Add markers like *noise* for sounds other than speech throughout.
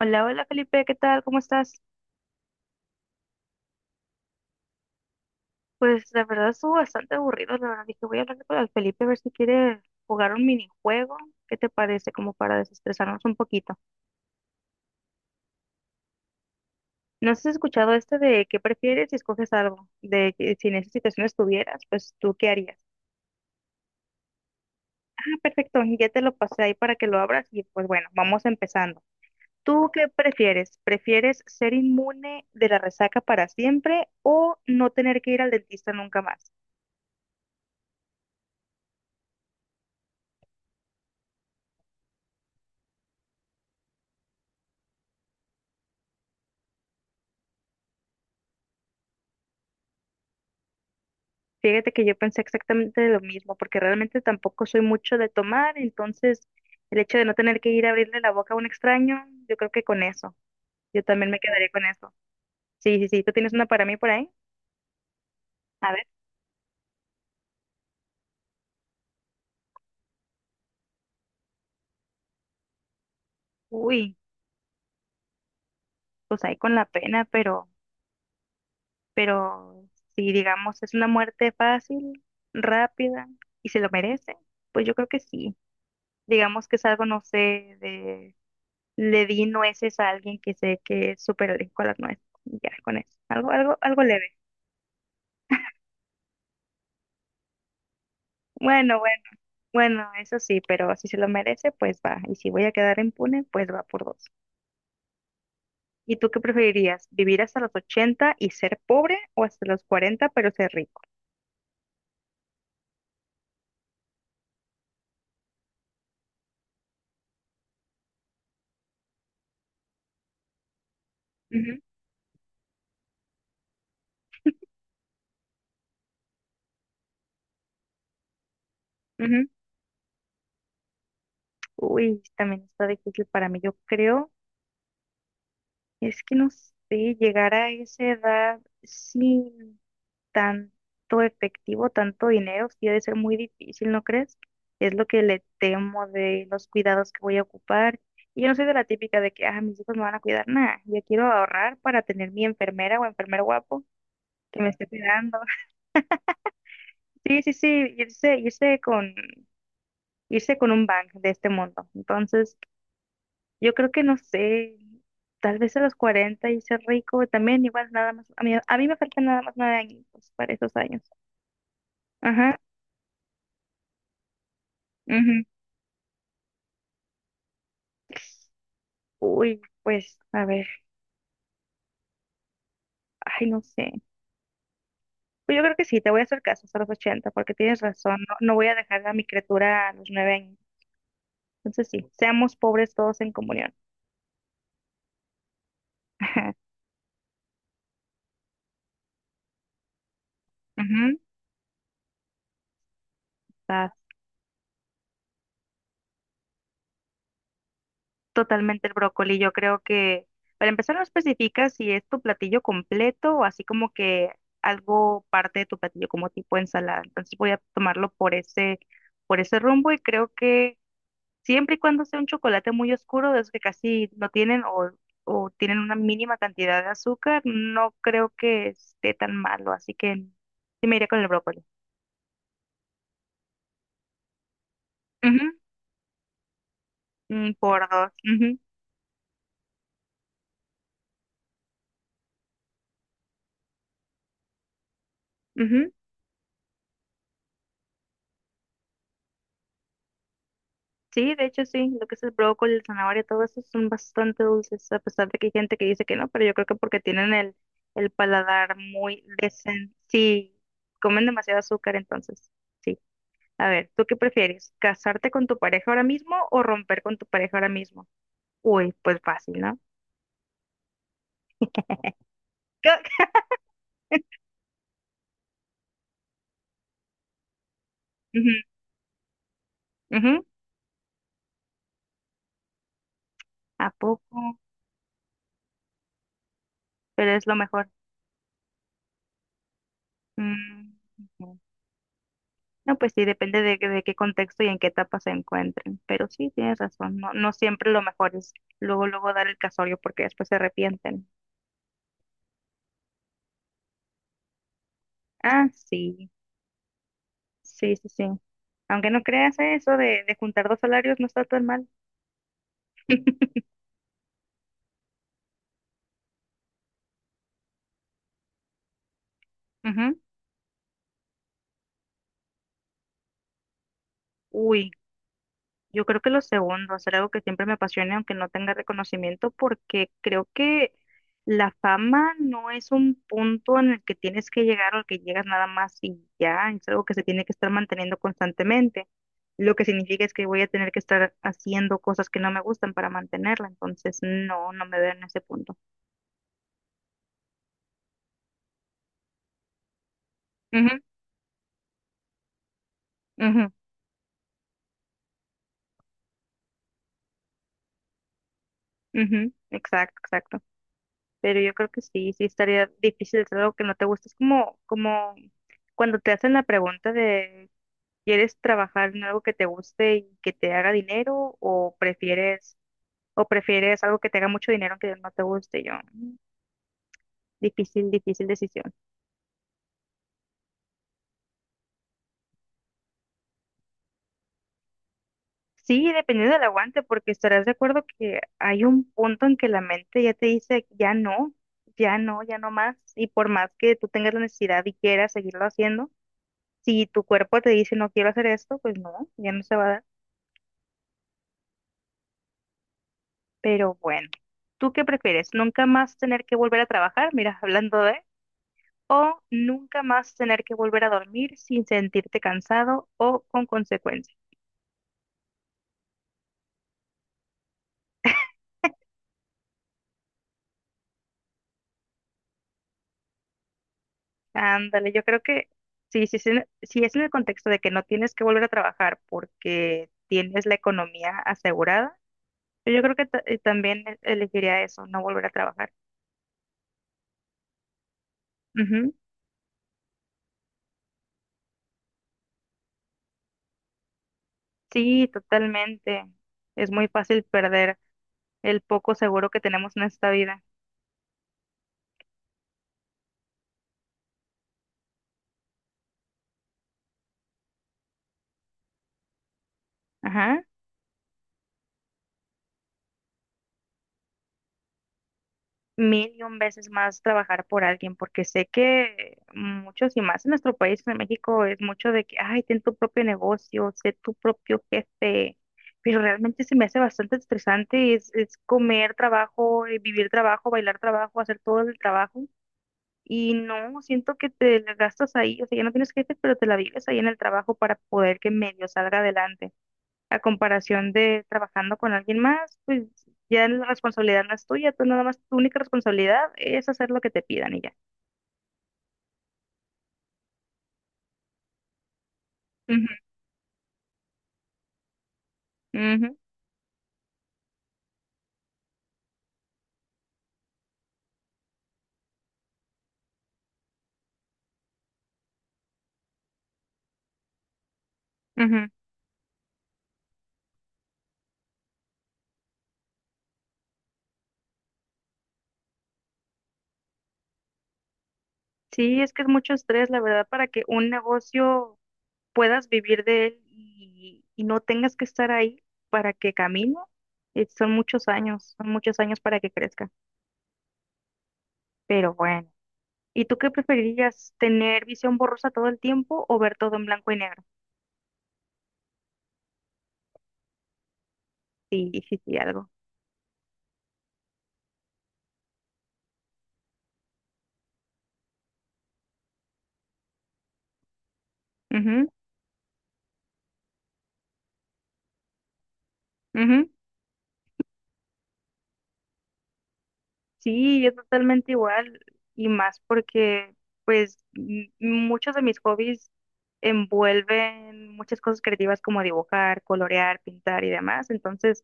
Hola, hola Felipe, ¿qué tal? ¿Cómo estás? Pues la verdad estuvo bastante aburrido, la verdad dije voy a hablar con el Felipe a ver si quiere jugar un minijuego. ¿Qué te parece? Como para desestresarnos un poquito. ¿No has escuchado este de qué prefieres si escoges algo? De que si en esa situación estuvieras, pues tú qué harías. Ah, perfecto, ya te lo pasé ahí para que lo abras y pues bueno, vamos empezando. ¿Tú qué prefieres? ¿Prefieres ser inmune de la resaca para siempre o no tener que ir al dentista nunca más? Fíjate que yo pensé exactamente lo mismo, porque realmente tampoco soy mucho de tomar, entonces el hecho de no tener que ir a abrirle la boca a un extraño, yo creo que con eso, yo también me quedaría con eso. Sí, sí, sí, ¿tú tienes una para mí por ahí? A ver, uy, pues ahí con la pena, pero si digamos es una muerte fácil, rápida y se lo merece, pues yo creo que sí. Digamos que es algo, no sé, de le di nueces a alguien que sé que es súper alcohólico a las nueces. Ya, con eso. Algo, algo, algo leve. Bueno, bueno, bueno, eso sí, pero si se lo merece, pues va. Y si voy a quedar impune, pues va por dos. ¿Y tú qué preferirías? ¿Vivir hasta los 80 y ser pobre o hasta los 40 pero ser rico? Ujú, ujú. Uy, también está difícil para mí. Yo creo, es que no sé, llegar a esa edad, sí. Tanto efectivo, tanto dinero, sí debe ser muy difícil, ¿no crees? Es lo que le temo de los cuidados que voy a ocupar. Y yo no soy de la típica de que, ah, mis hijos me van a cuidar, nada, yo quiero ahorrar para tener mi enfermera o enfermero guapo que me esté cuidando. *laughs* Sí, sí, sí, irse, irse con, irse con un bank de este mundo. Entonces, yo creo que no sé, tal vez a los 40 y ser rico también, igual nada más, a mí me faltan nada más 9 años para esos años. Ajá. Ujú. Uy, pues, a ver, ay, no sé. Pues yo creo que sí, te voy a hacer caso a los 80 porque tienes razón, no, no voy a dejar a mi criatura a los 9 años. Entonces sí, seamos pobres todos en comunión. *laughs* Ujú, está totalmente el brócoli, yo creo que, para empezar, no especifica si es tu platillo completo o así como que algo parte de tu platillo como tipo ensalada. Entonces voy a tomarlo por ese rumbo y creo que siempre y cuando sea un chocolate muy oscuro, de esos que casi no tienen o tienen una mínima cantidad de azúcar, no creo que esté tan malo, así que sí me iría con el brócoli. Ujú, mm, por dos. Ujú, ujú. Sí, de hecho sí, lo que es el brócoli, el zanahoria, todo eso son bastante dulces, a pesar de que hay gente que dice que no, pero yo creo que porque tienen el paladar muy desen... Sí, comen demasiado azúcar entonces. Sí. A ver, ¿tú qué prefieres? ¿Casarte con tu pareja ahora mismo o romper con tu pareja ahora mismo? Uy, pues fácil, ¿no? Yo- *laughs* Ujú, ujú, ¿a poco? Pero es lo mejor. Mm, ujú. No, pues sí, depende de qué contexto y en qué etapa se encuentren. Pero sí, tienes razón. No, no siempre lo mejor es luego, luego dar el casorio porque después se arrepienten. Ah, sí. Sí, sí, sí. Aunque no creas eso de juntar dos salarios no está tan mal. Ujú. Uy, yo creo que lo segundo, hacer algo que siempre me apasione, aunque no tenga reconocimiento, porque creo que la fama no es un punto en el que tienes que llegar o al que llegas nada más y ya, es algo que se tiene que estar manteniendo constantemente, lo que significa es que voy a tener que estar haciendo cosas que no me gustan para mantenerla, entonces no, no me veo en ese punto. Ujú, ujú, ujú, exacto, exacto. Pero yo creo que sí, sí estaría difícil hacer algo que no te gusta, es como, como cuando te hacen la pregunta de ¿quieres trabajar en algo que te guste y que te haga dinero o prefieres algo que te haga mucho dinero aunque no te guste? Y yo, "Mm, difícil, difícil decisión". Sí, dependiendo del aguante, porque estarás de acuerdo que hay un punto en que la mente ya te dice, ya no, ya no, ya no más. Y por más que tú tengas la necesidad y quieras seguirlo haciendo, si tu cuerpo te dice, no quiero hacer esto, pues no, ya no se va a dar. Pero bueno, ¿tú qué prefieres? ¿Nunca más tener que volver a trabajar? Mira, *laughs* hablando de... o nunca más tener que volver a dormir sin sentirte cansado o con consecuencias. Ándale, yo creo que sí, sí, sí, si es en el contexto de que no tienes que volver a trabajar porque tienes la economía asegurada, pues yo creo que ta- también e- elegiría eso, no volver a trabajar. Ujú. Sí, totalmente. Es muy fácil perder el poco seguro que tenemos en esta vida. Ajá. Mil y un veces más trabajar por alguien, porque sé que muchos y más en nuestro país, en México, es mucho de que, ay, ten tu propio negocio, sé tu propio jefe, pero realmente se me hace bastante estresante, es comer trabajo, vivir trabajo, bailar trabajo, hacer todo el trabajo, y no, siento que te la gastas ahí, o sea, ya no tienes jefe, pero te la vives ahí en el trabajo para poder que medio salga adelante a comparación de trabajando con alguien más, pues ya la responsabilidad no es tuya, tú nada más, tu única responsabilidad es hacer lo que te pidan y ya. Ujú, ujú, ujú. Sí, es que es mucho estrés, la verdad, para que un negocio puedas vivir de él y no tengas que estar ahí para que camine. Son muchos años para que crezca, pero bueno. ¿Y tú qué preferirías, tener visión borrosa todo el tiempo o ver todo en blanco y negro? Sí, sí, sí, algo. Ujú, ujú. Sí, yo totalmente igual y más porque pues m- muchos de mis hobbies envuelven muchas cosas creativas como dibujar, colorear, pintar y demás. Entonces,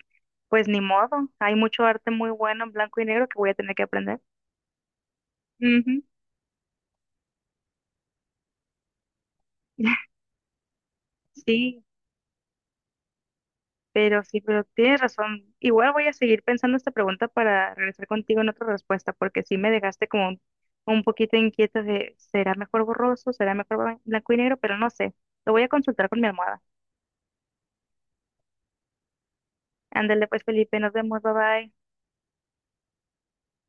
pues ni modo, hay mucho arte muy bueno en blanco y negro que voy a tener que aprender. Ujú. *laughs* Sí, pero sí, pero tienes razón. Igual voy a seguir pensando esta pregunta para regresar contigo en otra respuesta, porque sí me dejaste como un poquito inquieta de, ¿será mejor borroso? ¿Será mejor blan- blanco y negro? Pero no sé. Lo voy a consultar con mi almohada. Ándale pues, Felipe, nos vemos, bye bye.